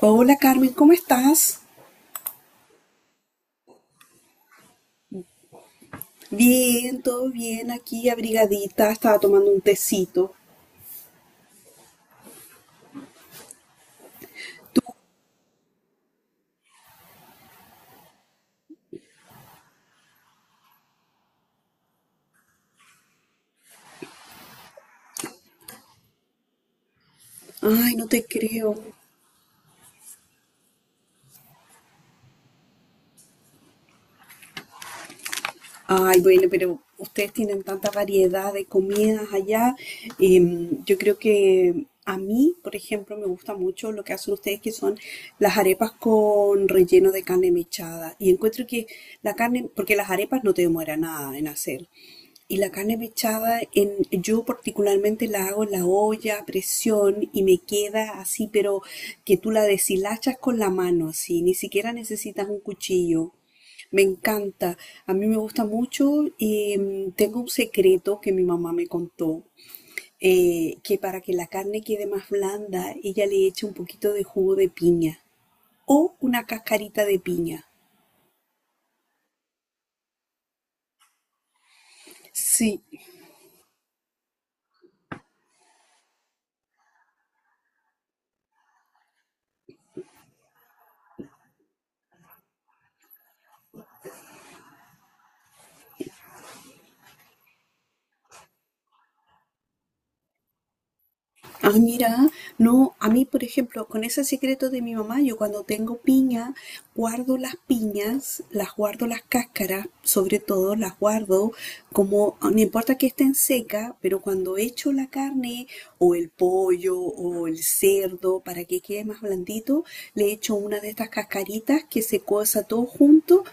Hola Carmen, ¿cómo estás? Bien, todo bien, aquí abrigadita, estaba tomando un tecito. Ay, no te creo. Ay, bueno, pero ustedes tienen tanta variedad de comidas allá. Yo creo que a mí, por ejemplo, me gusta mucho lo que hacen ustedes, que son las arepas con relleno de carne mechada. Y encuentro que la carne, porque las arepas no te demora nada en hacer. Y la carne mechada, yo particularmente la hago en la olla a presión y me queda así, pero que tú la deshilachas con la mano, así, ni siquiera necesitas un cuchillo. Me encanta, a mí me gusta mucho y tengo un secreto que mi mamá me contó, que para que la carne quede más blanda, ella le echa un poquito de jugo de piña o una cascarita de piña. Sí. Ah, mira, no, a mí, por ejemplo, con ese secreto de mi mamá, yo cuando tengo piña, guardo las piñas, las guardo las cáscaras, sobre todo las guardo como, no importa que estén secas, pero cuando echo la carne o el pollo o el cerdo para que quede más blandito, le echo una de estas cascaritas que se cosa todo junto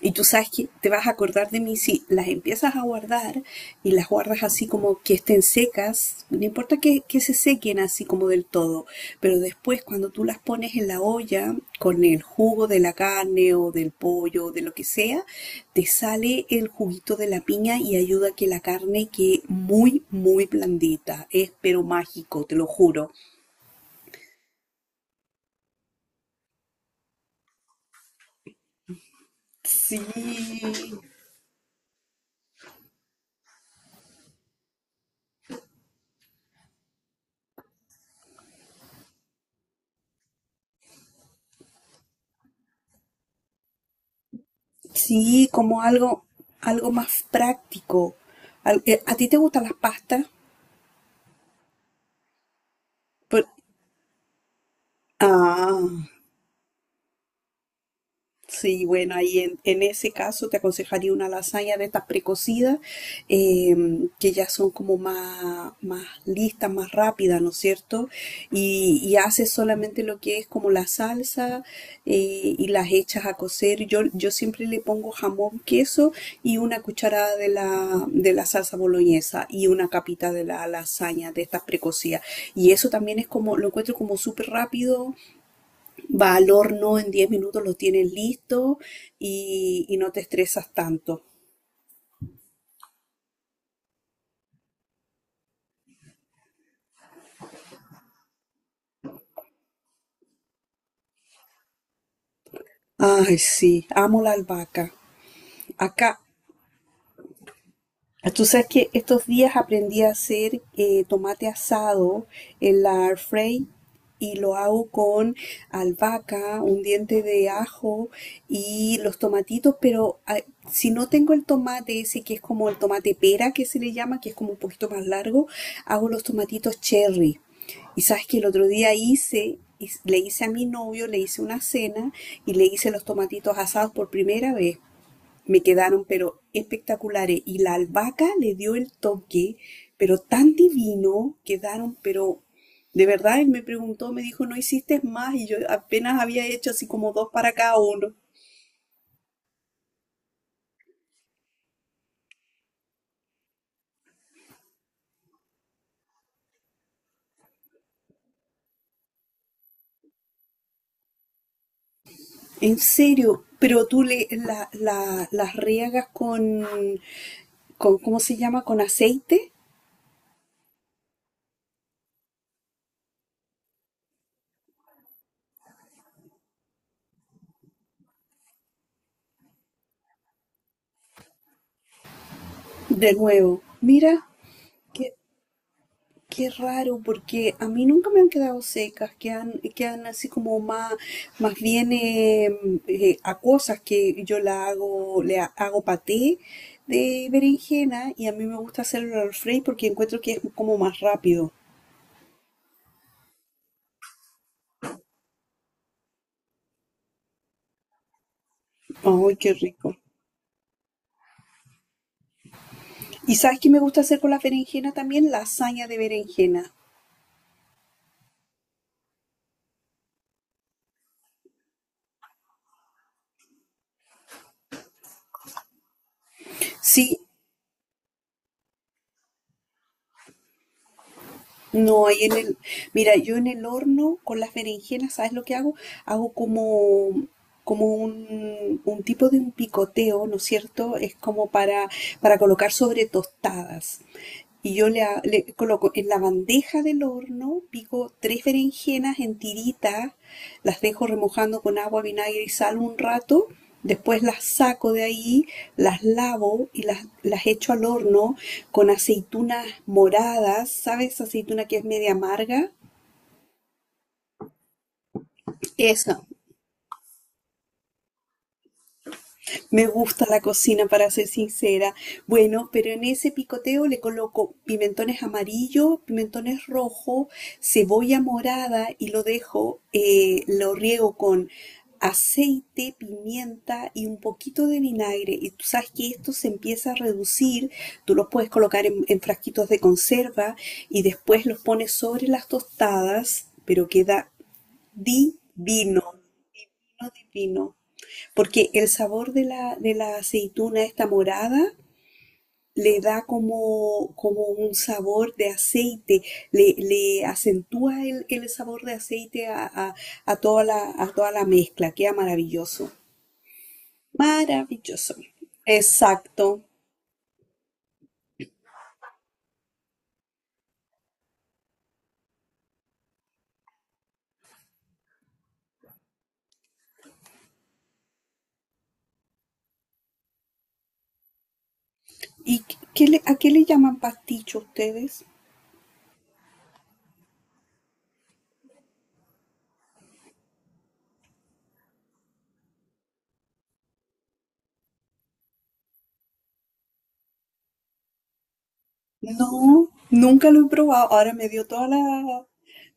y tú sabes que te vas a acordar de mí si las empiezas a guardar y las guardas así como que estén secas, no importa que se sequen así como del todo, pero después cuando tú las pones en la olla con el jugo de la carne o del pollo o de lo que sea, te sale el juguito de la piña y ayuda a que la carne quede muy, muy blandita. Es pero mágico, te lo juro. Sí, sí, como algo más práctico. ¿A ti te gustan las pastas? Por- ah, Sí, bueno, ahí en, ese caso te aconsejaría una lasaña de estas precocidas, que ya son como más listas, más rápidas, ¿no es cierto? Y haces solamente lo que es como la salsa, y las echas a cocer. Yo siempre le pongo jamón, queso y una cucharada de la salsa boloñesa y una capita de la lasaña de estas precocidas. Y eso también es como, lo encuentro como súper rápido, va al horno, en 10 minutos lo tienes listo y no te estresas tanto. Ay, sí, amo la albahaca. Acá. Tú sabes que estos días aprendí a hacer tomate asado en la air fry y lo hago con albahaca, un diente de ajo y los tomatitos, pero si no tengo el tomate ese que es como el tomate pera que se le llama, que es como un poquito más largo, hago los tomatitos cherry. Y sabes que el otro día hice, le hice a mi novio, le hice una cena y le hice los tomatitos asados por primera vez, me quedaron pero espectaculares. Y la albahaca le dio el toque, pero tan divino, quedaron pero... De verdad, él me preguntó, me dijo, ¿no hiciste más? Y yo apenas había hecho así como dos para cada uno. En serio, pero tú las riegas ¿cómo se llama? Con aceite. De nuevo, mira, qué raro, porque a mí nunca me han quedado secas, quedan así como más bien acuosas, que yo la hago, hago paté de berenjena, y a mí me gusta hacerlo al fray porque encuentro que es como más rápido. ¡Ay, qué rico! ¿Y sabes qué me gusta hacer con las berenjenas también? Lasaña de berenjena. Sí, no, mira, yo en el horno con las berenjenas, ¿sabes lo que hago? Hago como un tipo de un picoteo, ¿no es cierto? Es como para colocar sobre tostadas, y yo le coloco en la bandeja del horno, pico tres berenjenas en tiritas, las dejo remojando con agua, vinagre y sal un rato, después las saco de ahí, las lavo y las echo al horno con aceitunas moradas, ¿sabes? Aceituna que es media amarga. Esa. Me gusta la cocina, para ser sincera. Bueno, pero en ese picoteo le coloco pimentones amarillos, pimentones rojos, cebolla morada y lo dejo, lo riego con aceite, pimienta y un poquito de vinagre. Y tú sabes que esto se empieza a reducir. Tú los puedes colocar en frasquitos de conserva, y después los pones sobre las tostadas, pero queda divino, divino, divino, porque el sabor de la aceituna esta morada le da como un sabor de aceite, le acentúa el sabor de aceite a toda la mezcla, queda maravilloso, maravilloso. Exacto. ¿Y a qué le llaman pasticho ustedes? No, nunca lo he probado. Ahora me dio toda la...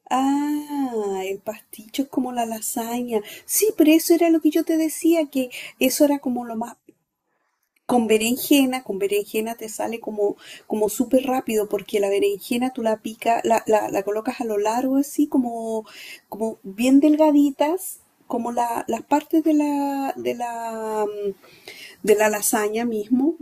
Ah, el pasticho es como la lasaña. Sí, pero eso era lo que yo te decía, que eso era como lo más... con berenjena te sale como súper rápido, porque la berenjena tú la picas, la colocas a lo largo así, como bien delgaditas, como las partes de la lasaña mismo,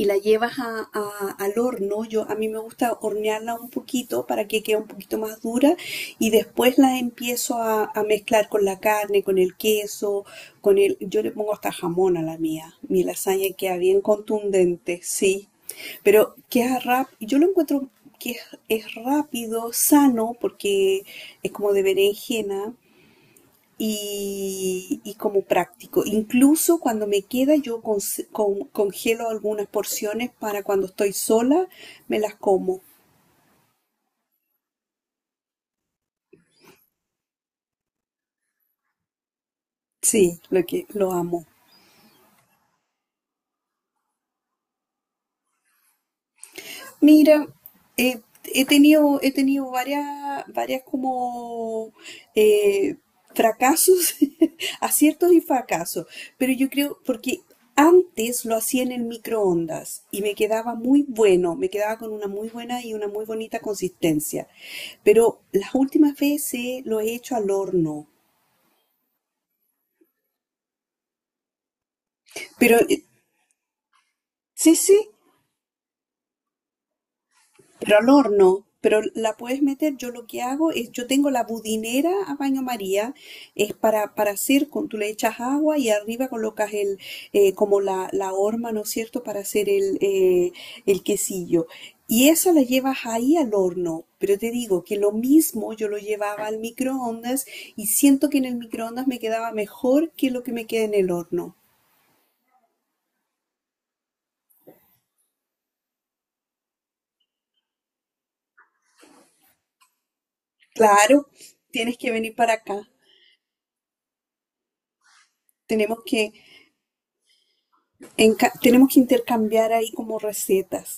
y la llevas al horno. Yo, a mí me gusta hornearla un poquito para que quede un poquito más dura, y después la empiezo a mezclar con la carne, con el queso, con el... Yo le pongo hasta jamón a la mía. Mi lasaña queda bien contundente, sí. Pero yo lo encuentro que es rápido, sano, porque es como de berenjena y como práctico. Incluso cuando me queda, yo congelo algunas porciones para cuando estoy sola, me las como. Sí, lo que lo amo. Mira, eh, he tenido varias como eh, fracasos, aciertos y fracasos, pero yo creo, porque antes lo hacía en el microondas y me quedaba muy bueno, me quedaba con una muy buena y una muy bonita consistencia, pero las últimas veces lo he hecho al horno, pero sí, sí, pero al horno. Pero la puedes meter, yo lo que hago es, yo tengo la budinera a baño María, es para hacer, con, tú le echas agua y arriba colocas como la horma, ¿no es cierto?, para hacer el quesillo. Y esa la llevas ahí al horno, pero te digo que lo mismo yo lo llevaba al microondas y siento que en el microondas me quedaba mejor que lo que me queda en el horno. Claro, tienes que venir para acá. Tenemos que, tenemos que intercambiar ahí como recetas,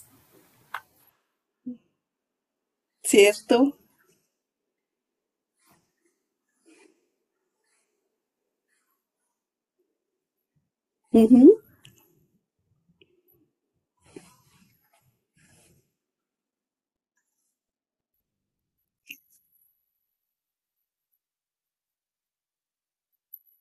¿cierto? Ujú.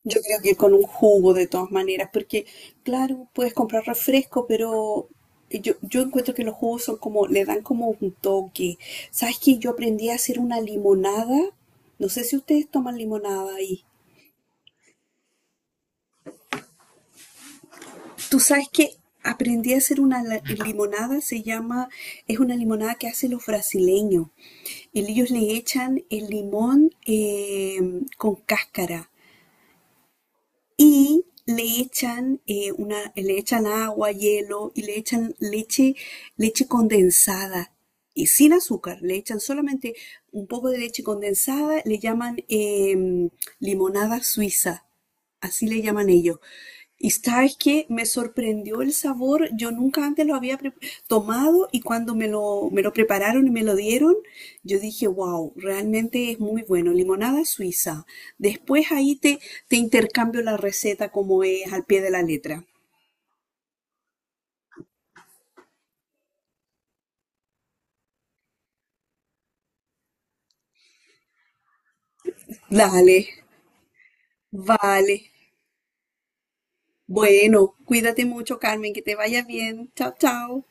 Yo creo que con un jugo de todas maneras, porque claro, puedes comprar refresco, pero yo encuentro que los jugos son como, le dan como un toque. ¿Sabes qué? Yo aprendí a hacer una limonada. No sé si ustedes toman limonada ahí. Tú sabes que aprendí a hacer una limonada, se llama, es una limonada que hacen los brasileños. Y ellos le echan el limón con cáscara. Y le echan, le echan agua, hielo y le echan leche, leche condensada y sin azúcar. Le echan solamente un poco de leche condensada, le llaman limonada suiza, así le llaman ellos. Y sabes que me sorprendió el sabor, yo nunca antes lo había tomado, y cuando me lo, prepararon y me lo dieron, yo dije, wow, realmente es muy bueno, limonada suiza. Después ahí te intercambio la receta como es al pie de la letra. Dale, vale. Bueno, cuídate mucho, Carmen, que te vaya bien. Chao, chao.